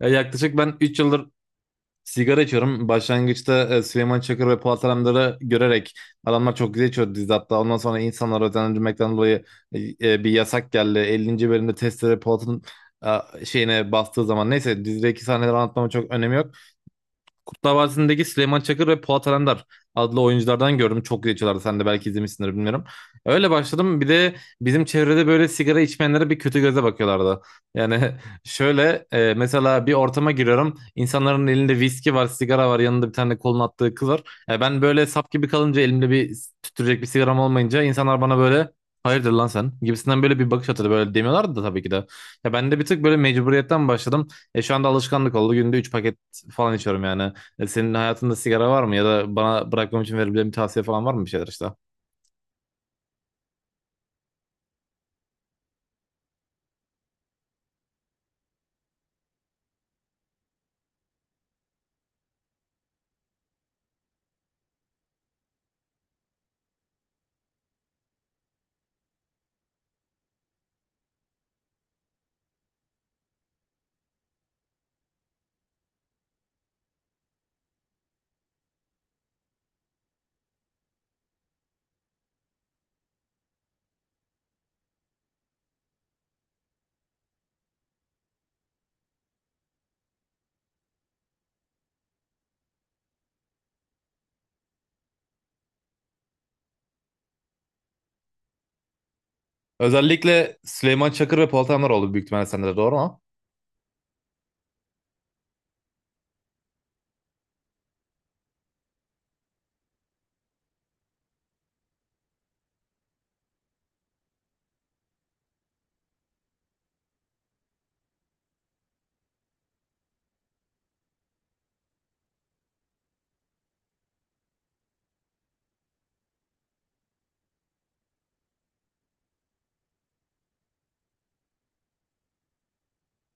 Ya yaklaşık ben 3 yıldır sigara içiyorum. Başlangıçta Süleyman Çakır ve Polat Alemdar'ı görerek adamlar çok güzel içiyordu dizide. Hatta ondan sonra insanlar özendirmekten dolayı bir yasak geldi. 50. bölümde testere Polat'ın şeyine bastığı zaman. Neyse dizideki sahneleri anlatmamın çok önemi yok. Kurtlar Vadisi'ndeki Süleyman Çakır ve Polat Alemdar adlı oyunculardan gördüm. Çok geçiyorlardı. Sen de belki izlemişsindir bilmiyorum. Öyle başladım. Bir de bizim çevrede böyle sigara içmeyenlere bir kötü göze bakıyorlardı. Yani şöyle mesela bir ortama giriyorum. İnsanların elinde viski var, sigara var. Yanında bir tane kolun attığı kız var. Ben böyle sap gibi kalınca elimde bir tüttürecek bir sigaram olmayınca insanlar bana böyle hayırdır lan sen gibisinden böyle bir bakış atıyordu. Böyle demiyorlardı da tabii ki de. Ya ben de bir tık böyle mecburiyetten başladım. Şu anda alışkanlık oldu. Günde 3 paket falan içiyorum yani. Senin hayatında sigara var mı ya da bana bırakmam için verebileceğin bir tavsiye falan var mı bir şeyler işte? Özellikle Süleyman Çakır ve Polat Alemdar oldu büyük ihtimalle sende de doğru mu?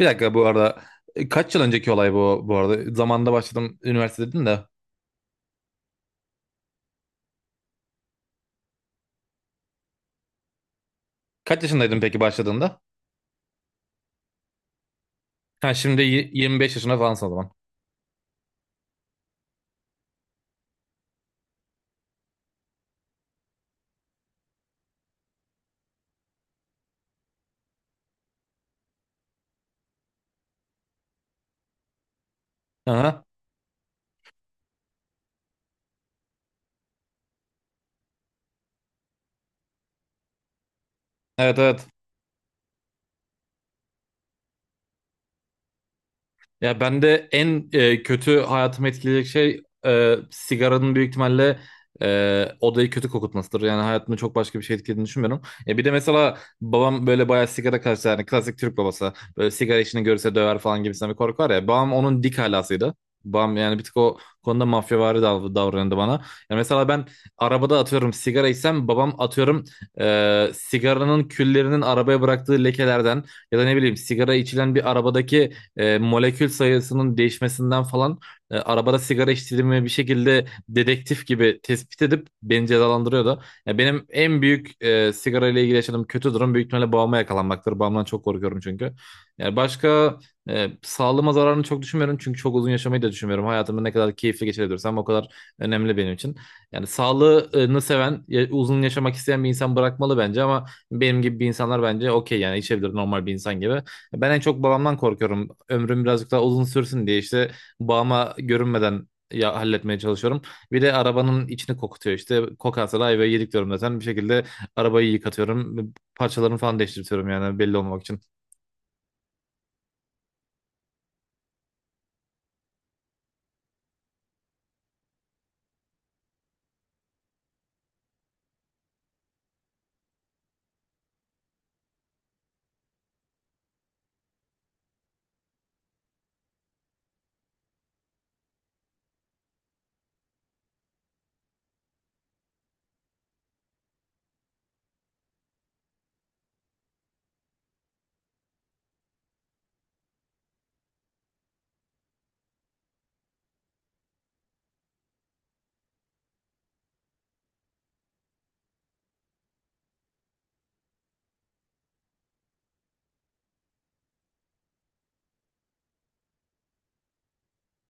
Bir dakika bu arada kaç yıl önceki olay bu arada? Zamanında başladım üniversite dedin de. Kaç yaşındaydın peki başladığında? Ha şimdi 25 yaşında falansın o zaman. Aha. Evet evet. Ya ben de en kötü hayatımı etkileyecek şey sigaranın büyük ihtimalle odayı kötü kokutmasıdır. Yani hayatımı çok başka bir şey etkilediğini düşünmüyorum. Bir de mesela babam böyle bayağı sigara karşı yani klasik Türk babası. Böyle sigara içini görse döver falan gibisinden bir korku var ya. Babam onun dik halasıydı. Babam yani bir tık o konuda mafyavari davranıyordu bana. Yani mesela ben arabada atıyorum sigara içsem babam atıyorum sigaranın küllerinin arabaya bıraktığı lekelerden ya da ne bileyim sigara içilen bir arabadaki molekül sayısının değişmesinden falan arabada sigara içtiğimi bir şekilde dedektif gibi tespit edip beni cezalandırıyordu. Ya benim en büyük sigara ile ilgili yaşadığım kötü durum büyük ihtimalle babama yakalanmaktır. Babamdan çok korkuyorum çünkü. Yani başka sağlığıma zararını çok düşünmüyorum çünkü çok uzun yaşamayı da düşünmüyorum. Hayatımı ne kadar keyifli geçirebilirsem o kadar önemli benim için. Yani sağlığını seven, uzun yaşamak isteyen bir insan bırakmalı bence ama benim gibi bir insanlar bence okey yani içebilir normal bir insan gibi. Ben en çok babamdan korkuyorum. Ömrüm birazcık daha uzun sürsün diye işte babama görünmeden ya halletmeye çalışıyorum. Bir de arabanın içini kokutuyor işte. Kokarsa da ayvayı yedik diyorum zaten. Bir şekilde arabayı yıkatıyorum. Parçalarını falan değiştiriyorum yani belli olmamak için.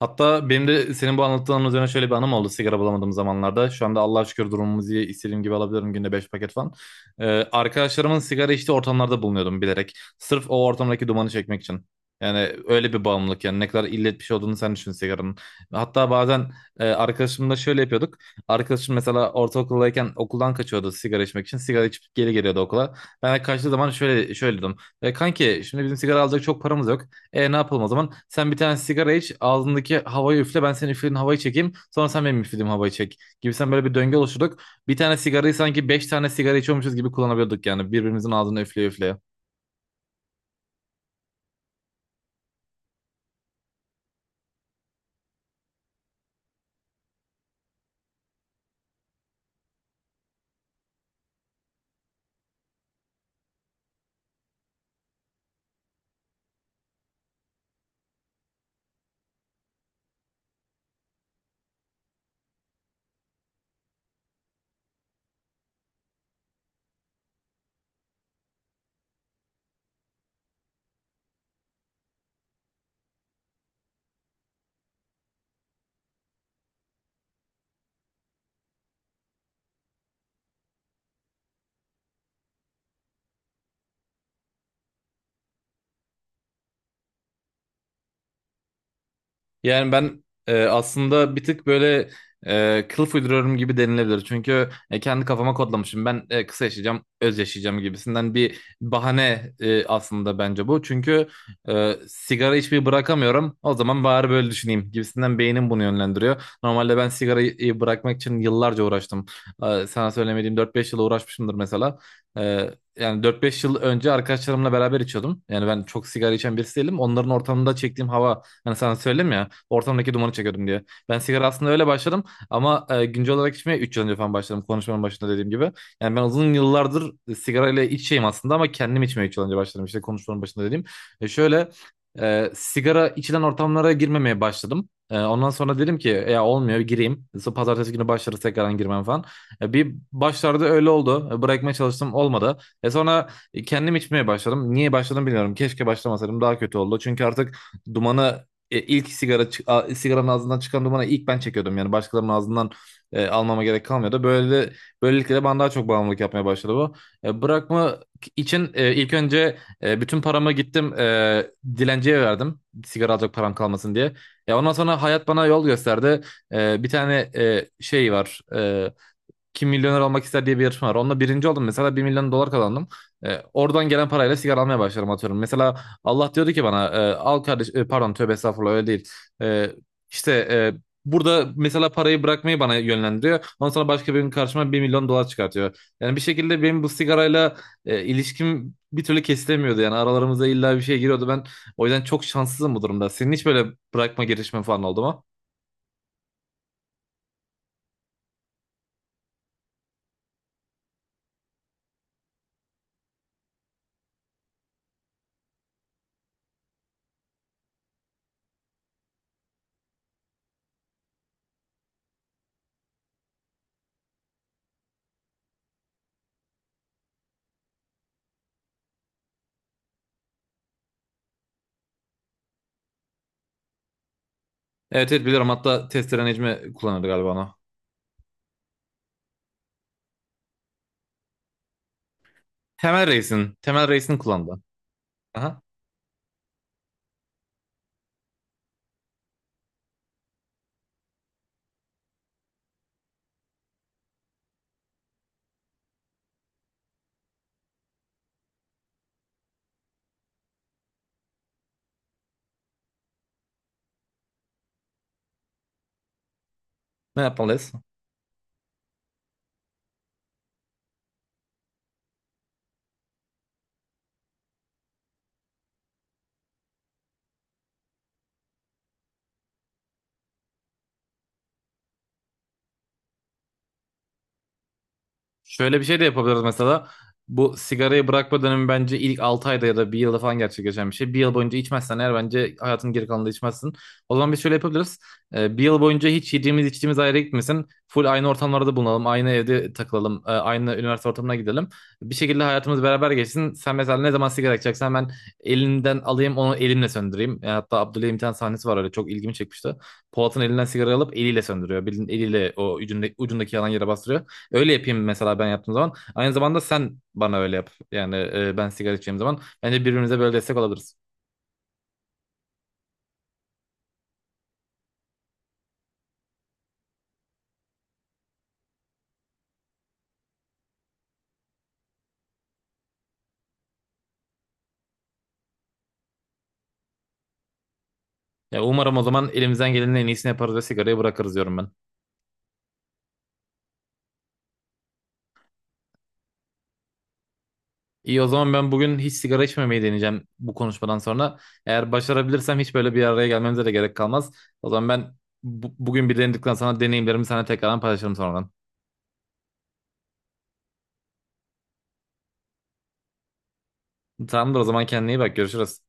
Hatta benim de senin bu anlattığın üzerine şöyle bir anım oldu sigara bulamadığım zamanlarda. Şu anda Allah'a şükür durumumuz iyi. İstediğim gibi alabiliyorum günde 5 paket falan. Ee, arkadaşlarımın sigara içtiği ortamlarda bulunuyordum bilerek. Sırf o ortamdaki dumanı çekmek için. Yani öyle bir bağımlılık yani ne kadar illet bir şey olduğunu sen düşün sigaranın. Hatta bazen arkadaşımla şöyle yapıyorduk. Arkadaşım mesela ortaokuldayken okuldan kaçıyordu sigara içmek için. Sigara içip geri geliyordu okula. Ben de kaçtığı zaman şöyle şöyle dedim. Kanki şimdi bizim sigara alacak çok paramız yok. Ne yapalım o zaman? Sen bir tane sigara iç, ağzındaki havayı üfle, ben senin üflediğin havayı çekeyim. Sonra sen benim üflediğim havayı çek. Gibi sen böyle bir döngü oluşturduk. Bir tane sigarayı sanki beş tane sigara içiyormuşuz gibi kullanabiliyorduk yani. Birbirimizin ağzını üfleye üfleye. Yani ben aslında bir tık böyle kılıf uyduruyorum gibi denilebilir. Çünkü kendi kafama kodlamışım. Ben kısa yaşayacağım, öz yaşayacağım gibisinden bir bahane aslında bence bu. Çünkü sigara içmeyi bırakamıyorum. O zaman bari böyle düşüneyim gibisinden beynim bunu yönlendiriyor. Normalde ben sigarayı bırakmak için yıllarca uğraştım. Sana söylemediğim dört beş yıl uğraşmışımdır mesela. E, Yani dört beş yıl önce arkadaşlarımla beraber içiyordum. Yani ben çok sigara içen birisi değilim. Onların ortamında çektiğim hava. Hani sana söyledim ya ortamdaki dumanı çekiyordum diye. Ben sigara aslında öyle başladım ama güncel olarak içmeye 3 yıl önce falan başladım konuşmanın başında dediğim gibi. Yani ben uzun yıllardır sigara ile içeyim aslında ama kendim içmeye 3 yıl önce başladım işte konuşmanın başında dediğim. Şöyle sigara içilen ortamlara girmemeye başladım. Ondan sonra dedim ki ya olmuyor gireyim. Sonra Pazartesi günü başlarız tekrardan girmem falan. Bir başlarda öyle oldu. Bırakmaya çalıştım olmadı. Sonra kendim içmeye başladım. Niye başladım bilmiyorum. Keşke başlamasaydım daha kötü oldu. Çünkü artık dumanı e, ilk sigara çı- a- sigaranın ağzından çıkan dumanı ilk ben çekiyordum yani başkalarının ağzından almama gerek kalmıyordu. Böyle böylelikle de bana daha çok bağımlılık yapmaya başladı bu. Bırakma için ilk önce bütün paramı gittim dilenciye verdim. Sigara alacak param kalmasın diye. Ya ondan sonra hayat bana yol gösterdi. Bir tane şey var. Kim milyoner olmak ister diye bir yarışma var. Onunla birinci oldum mesela 1 milyon dolar kazandım. Oradan gelen parayla sigara almaya başlarım atıyorum. Mesela Allah diyordu ki bana al kardeş pardon tövbe estağfurullah öyle değil. E, işte burada mesela parayı bırakmayı bana yönlendiriyor. Ondan sonra başka birinin karşıma 1 milyon dolar çıkartıyor. Yani bir şekilde benim bu sigarayla ilişkim bir türlü kesilemiyordu. Yani aralarımıza illa bir şey giriyordu. Ben o yüzden çok şanssızım bu durumda. Senin hiç böyle bırakma girişimin falan oldu mu? Evet evet biliyorum. Hatta testere Necmi kullanırdı galiba onu. Temel Reis'in. Temel Reis'in kullandı. Aha. Ne yapmalıyız? Şöyle bir şey de yapabiliriz mesela. Bu sigarayı bırakma dönemi bence ilk 6 ayda ya da bir yılda falan gerçekleşen bir şey. Bir yıl boyunca içmezsen eğer bence hayatın geri kalanında içmezsin. O zaman biz şöyle yapabiliriz. Bir yıl boyunca hiç yediğimiz içtiğimiz ayrı gitmesin. Full aynı ortamlarda bulunalım. Aynı evde takılalım. Aynı üniversite ortamına gidelim. Bir şekilde hayatımız beraber geçsin. Sen mesela ne zaman sigara içeceksen ben elinden alayım onu elimle söndüreyim. Hatta Abdülhamit bir tane sahnesi var öyle çok ilgimi çekmişti. Polat'ın elinden sigara alıp eliyle söndürüyor. Bildiğin eliyle o ucundaki yalan yere bastırıyor. Öyle yapayım mesela ben yaptığım zaman. Aynı zamanda sen bana öyle yap. Yani ben sigara içeceğim zaman. Bence birbirimize böyle destek olabiliriz. Ya umarım o zaman elimizden gelenin en iyisini yaparız ve sigarayı bırakırız diyorum ben. İyi o zaman ben bugün hiç sigara içmemeyi deneyeceğim bu konuşmadan sonra. Eğer başarabilirsem hiç böyle bir araya gelmemize de gerek kalmaz. O zaman ben bugün bir denedikten sonra deneyimlerimi sana tekrardan paylaşırım sonradan. Tamamdır o zaman kendine iyi bak görüşürüz.